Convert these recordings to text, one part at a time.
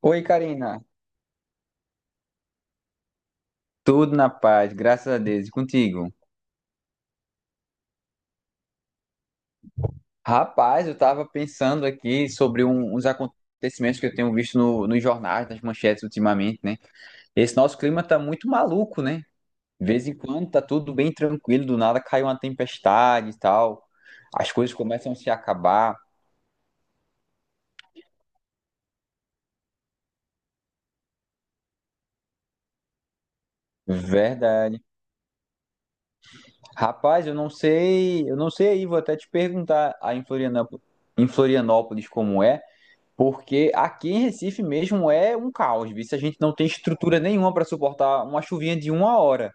Oi, Karina. Tudo na paz, graças a Deus. E contigo? Rapaz, eu estava pensando aqui sobre uns acontecimentos que eu tenho visto no, nos jornais, nas manchetes ultimamente, né? Esse nosso clima tá muito maluco, né? De vez em quando tá tudo bem tranquilo, do nada cai uma tempestade e tal. As coisas começam a se acabar. Verdade. Rapaz, eu não sei aí, vou até te perguntar aí em Florianópolis como é. Porque aqui em Recife mesmo é um caos, viu? Se a gente não tem estrutura nenhuma para suportar uma chuvinha de uma hora.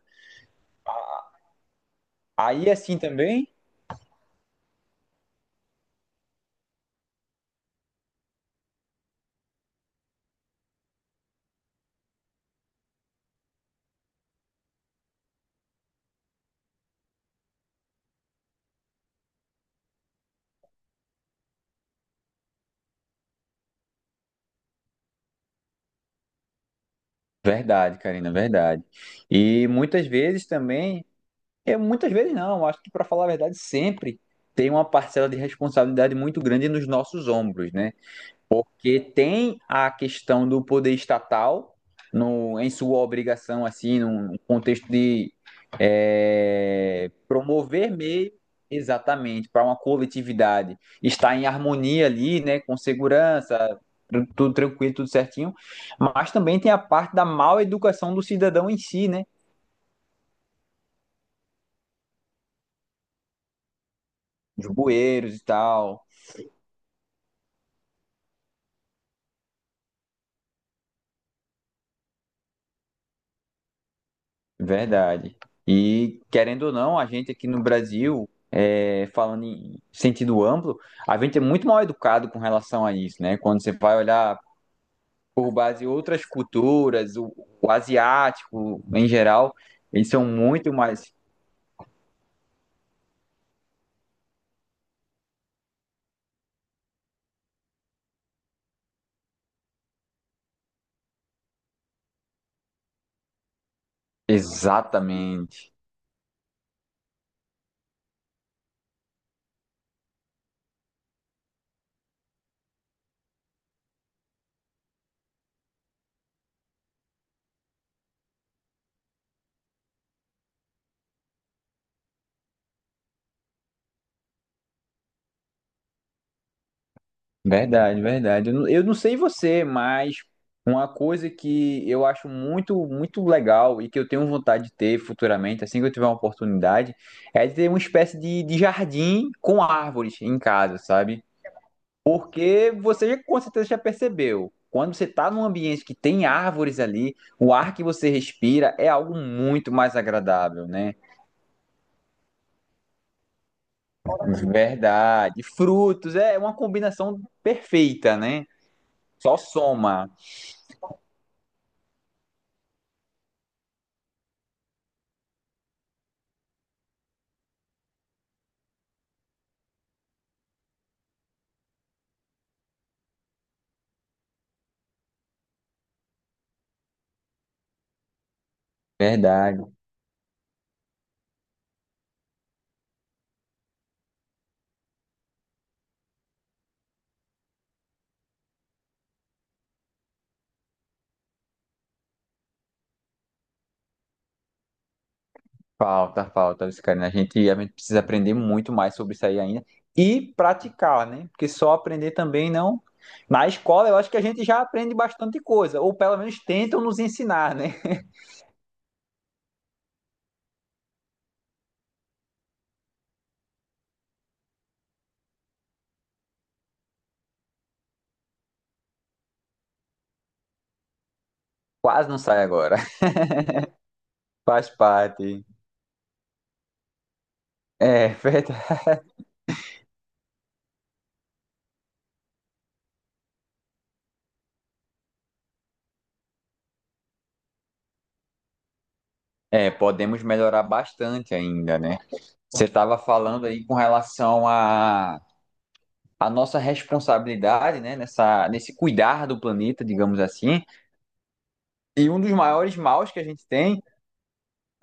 Aí é assim também. Verdade, Karina, verdade. E muitas vezes também, muitas vezes não, acho que para falar a verdade, sempre tem uma parcela de responsabilidade muito grande nos nossos ombros, né? Porque tem a questão do poder estatal no, em sua obrigação, assim, num contexto de promover meio exatamente para uma coletividade estar em harmonia ali, né, com segurança, tudo tranquilo, tudo certinho, mas também tem a parte da mal educação do cidadão em si, né, dos bueiros e tal. Verdade. E querendo ou não, a gente aqui no Brasil, é, falando em sentido amplo, a gente é muito mal educado com relação a isso, né? Quando você vai olhar por base em outras culturas, o asiático em geral, eles são muito mais. Exatamente. Verdade, verdade. Eu não sei você, mas uma coisa que eu acho muito legal e que eu tenho vontade de ter futuramente, assim que eu tiver uma oportunidade, é de ter uma espécie de jardim com árvores em casa, sabe? Porque você já, com certeza já percebeu, quando você está num ambiente que tem árvores ali, o ar que você respira é algo muito mais agradável, né? Verdade. Frutos, é uma combinação perfeita, né? Só soma. Verdade. Falta, falta, isso, Karina. A gente precisa aprender muito mais sobre isso aí ainda e praticar, né? Porque só aprender também não. Na escola, eu acho que a gente já aprende bastante coisa, ou pelo menos tentam nos ensinar, né? Quase não sai agora. Faz parte. É, verdade. É, podemos melhorar bastante ainda, né? Você estava falando aí com relação à nossa responsabilidade, né? Nesse cuidar do planeta, digamos assim. E um dos maiores maus que a gente tem.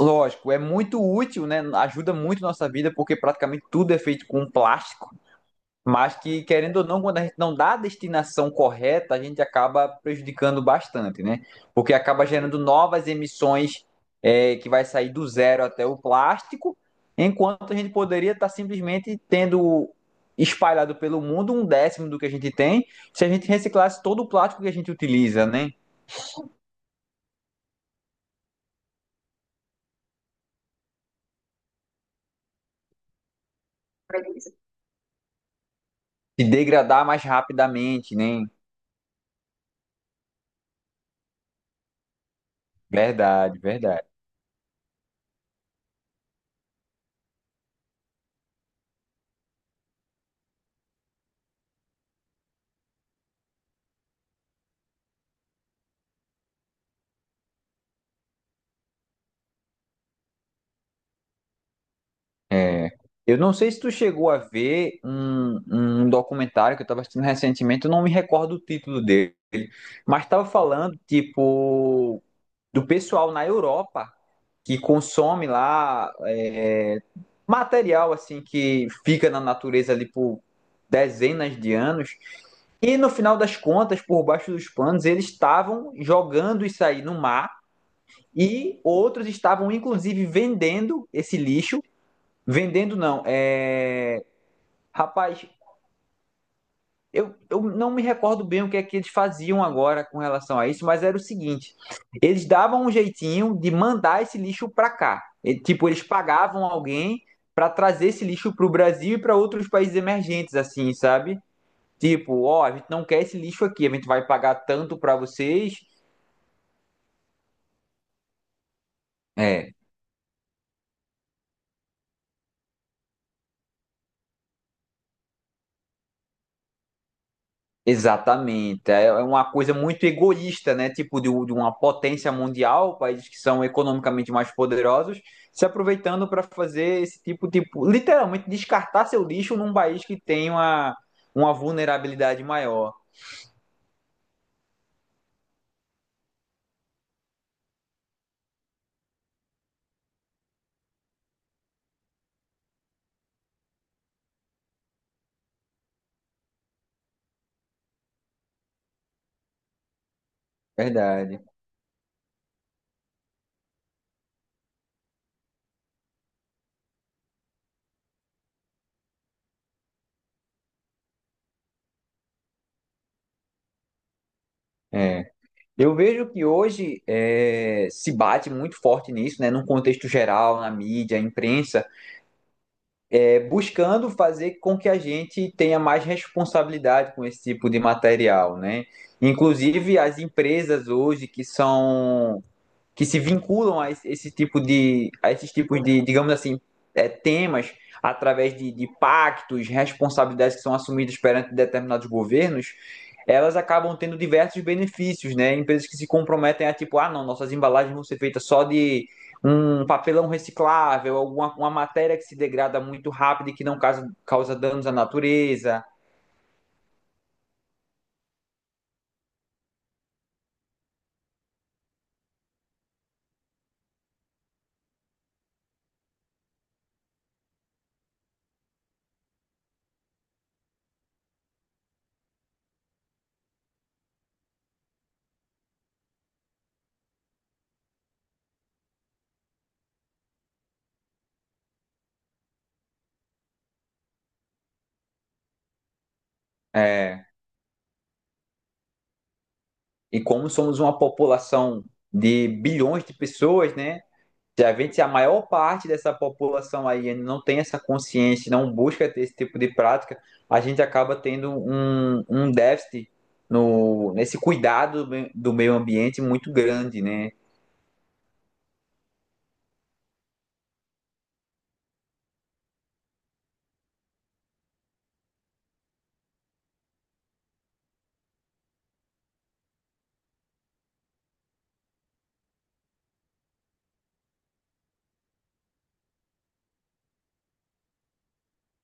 Lógico, é muito útil, né? Ajuda muito nossa vida, porque praticamente tudo é feito com plástico. Mas que, querendo ou não, quando a gente não dá a destinação correta, a gente acaba prejudicando bastante, né? Porque acaba gerando novas emissões, é, que vai sair do zero até o plástico, enquanto a gente poderia estar simplesmente tendo espalhado pelo mundo um décimo do que a gente tem, se a gente reciclasse todo o plástico que a gente utiliza, né? Se degradar mais rapidamente, né? Verdade, verdade. É. Eu não sei se tu chegou a ver um documentário que eu estava assistindo recentemente, eu não me recordo o título dele, mas estava falando, tipo, do pessoal na Europa que consome lá é, material, assim, que fica na natureza ali por dezenas de anos, e no final das contas, por baixo dos panos, eles estavam jogando isso aí no mar e outros estavam inclusive vendendo esse lixo. Vendendo não. É... Rapaz, eu não me recordo bem o que é que eles faziam agora com relação a isso, mas era o seguinte: eles davam um jeitinho de mandar esse lixo para cá. E, tipo, eles pagavam alguém para trazer esse lixo para o Brasil e para outros países emergentes, assim, sabe? Tipo, ó, a gente não quer esse lixo aqui, a gente vai pagar tanto para vocês. É. Exatamente. É uma coisa muito egoísta, né? Tipo, de uma potência mundial, países que são economicamente mais poderosos, se aproveitando para fazer esse tipo, tipo, literalmente descartar seu lixo num país que tem uma vulnerabilidade maior. Verdade. É. Eu vejo que hoje é, se bate muito forte nisso, né? Num contexto geral, na mídia, imprensa é, buscando fazer com que a gente tenha mais responsabilidade com esse tipo de material, né? Inclusive as empresas hoje que se vinculam a esse tipo de, a esses tipos de, digamos assim, é, temas através de pactos, responsabilidades que são assumidas perante determinados governos, elas acabam tendo diversos benefícios, né? Empresas que se comprometem a tipo, ah, não, nossas embalagens vão ser feitas só de um papelão reciclável, alguma uma matéria que se degrada muito rápido e que não causa danos à natureza. É, e como somos uma população de bilhões de pessoas, né? Se a maior parte dessa população aí não tem essa consciência, não busca ter esse tipo de prática, a gente acaba tendo um déficit no, nesse cuidado do meio ambiente muito grande, né?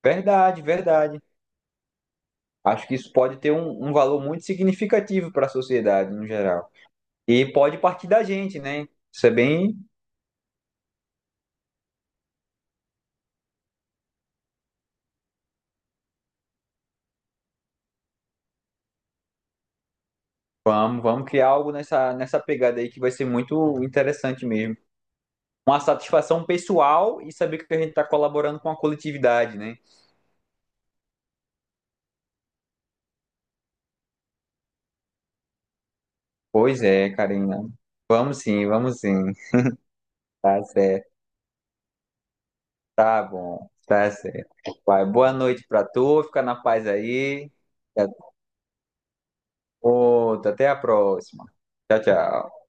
Verdade, verdade. Acho que isso pode ter um valor muito significativo para a sociedade no geral. E pode partir da gente, né? Isso é bem. Vamos, vamos criar algo nessa pegada aí que vai ser muito interessante mesmo. Uma satisfação pessoal e saber que a gente está colaborando com a coletividade, né? Pois é, Karina. Vamos sim, vamos sim. Tá certo, tá bom, tá certo. Vai, boa noite pra tu, fica na paz aí. Até outra, até a próxima. Tchau, tchau.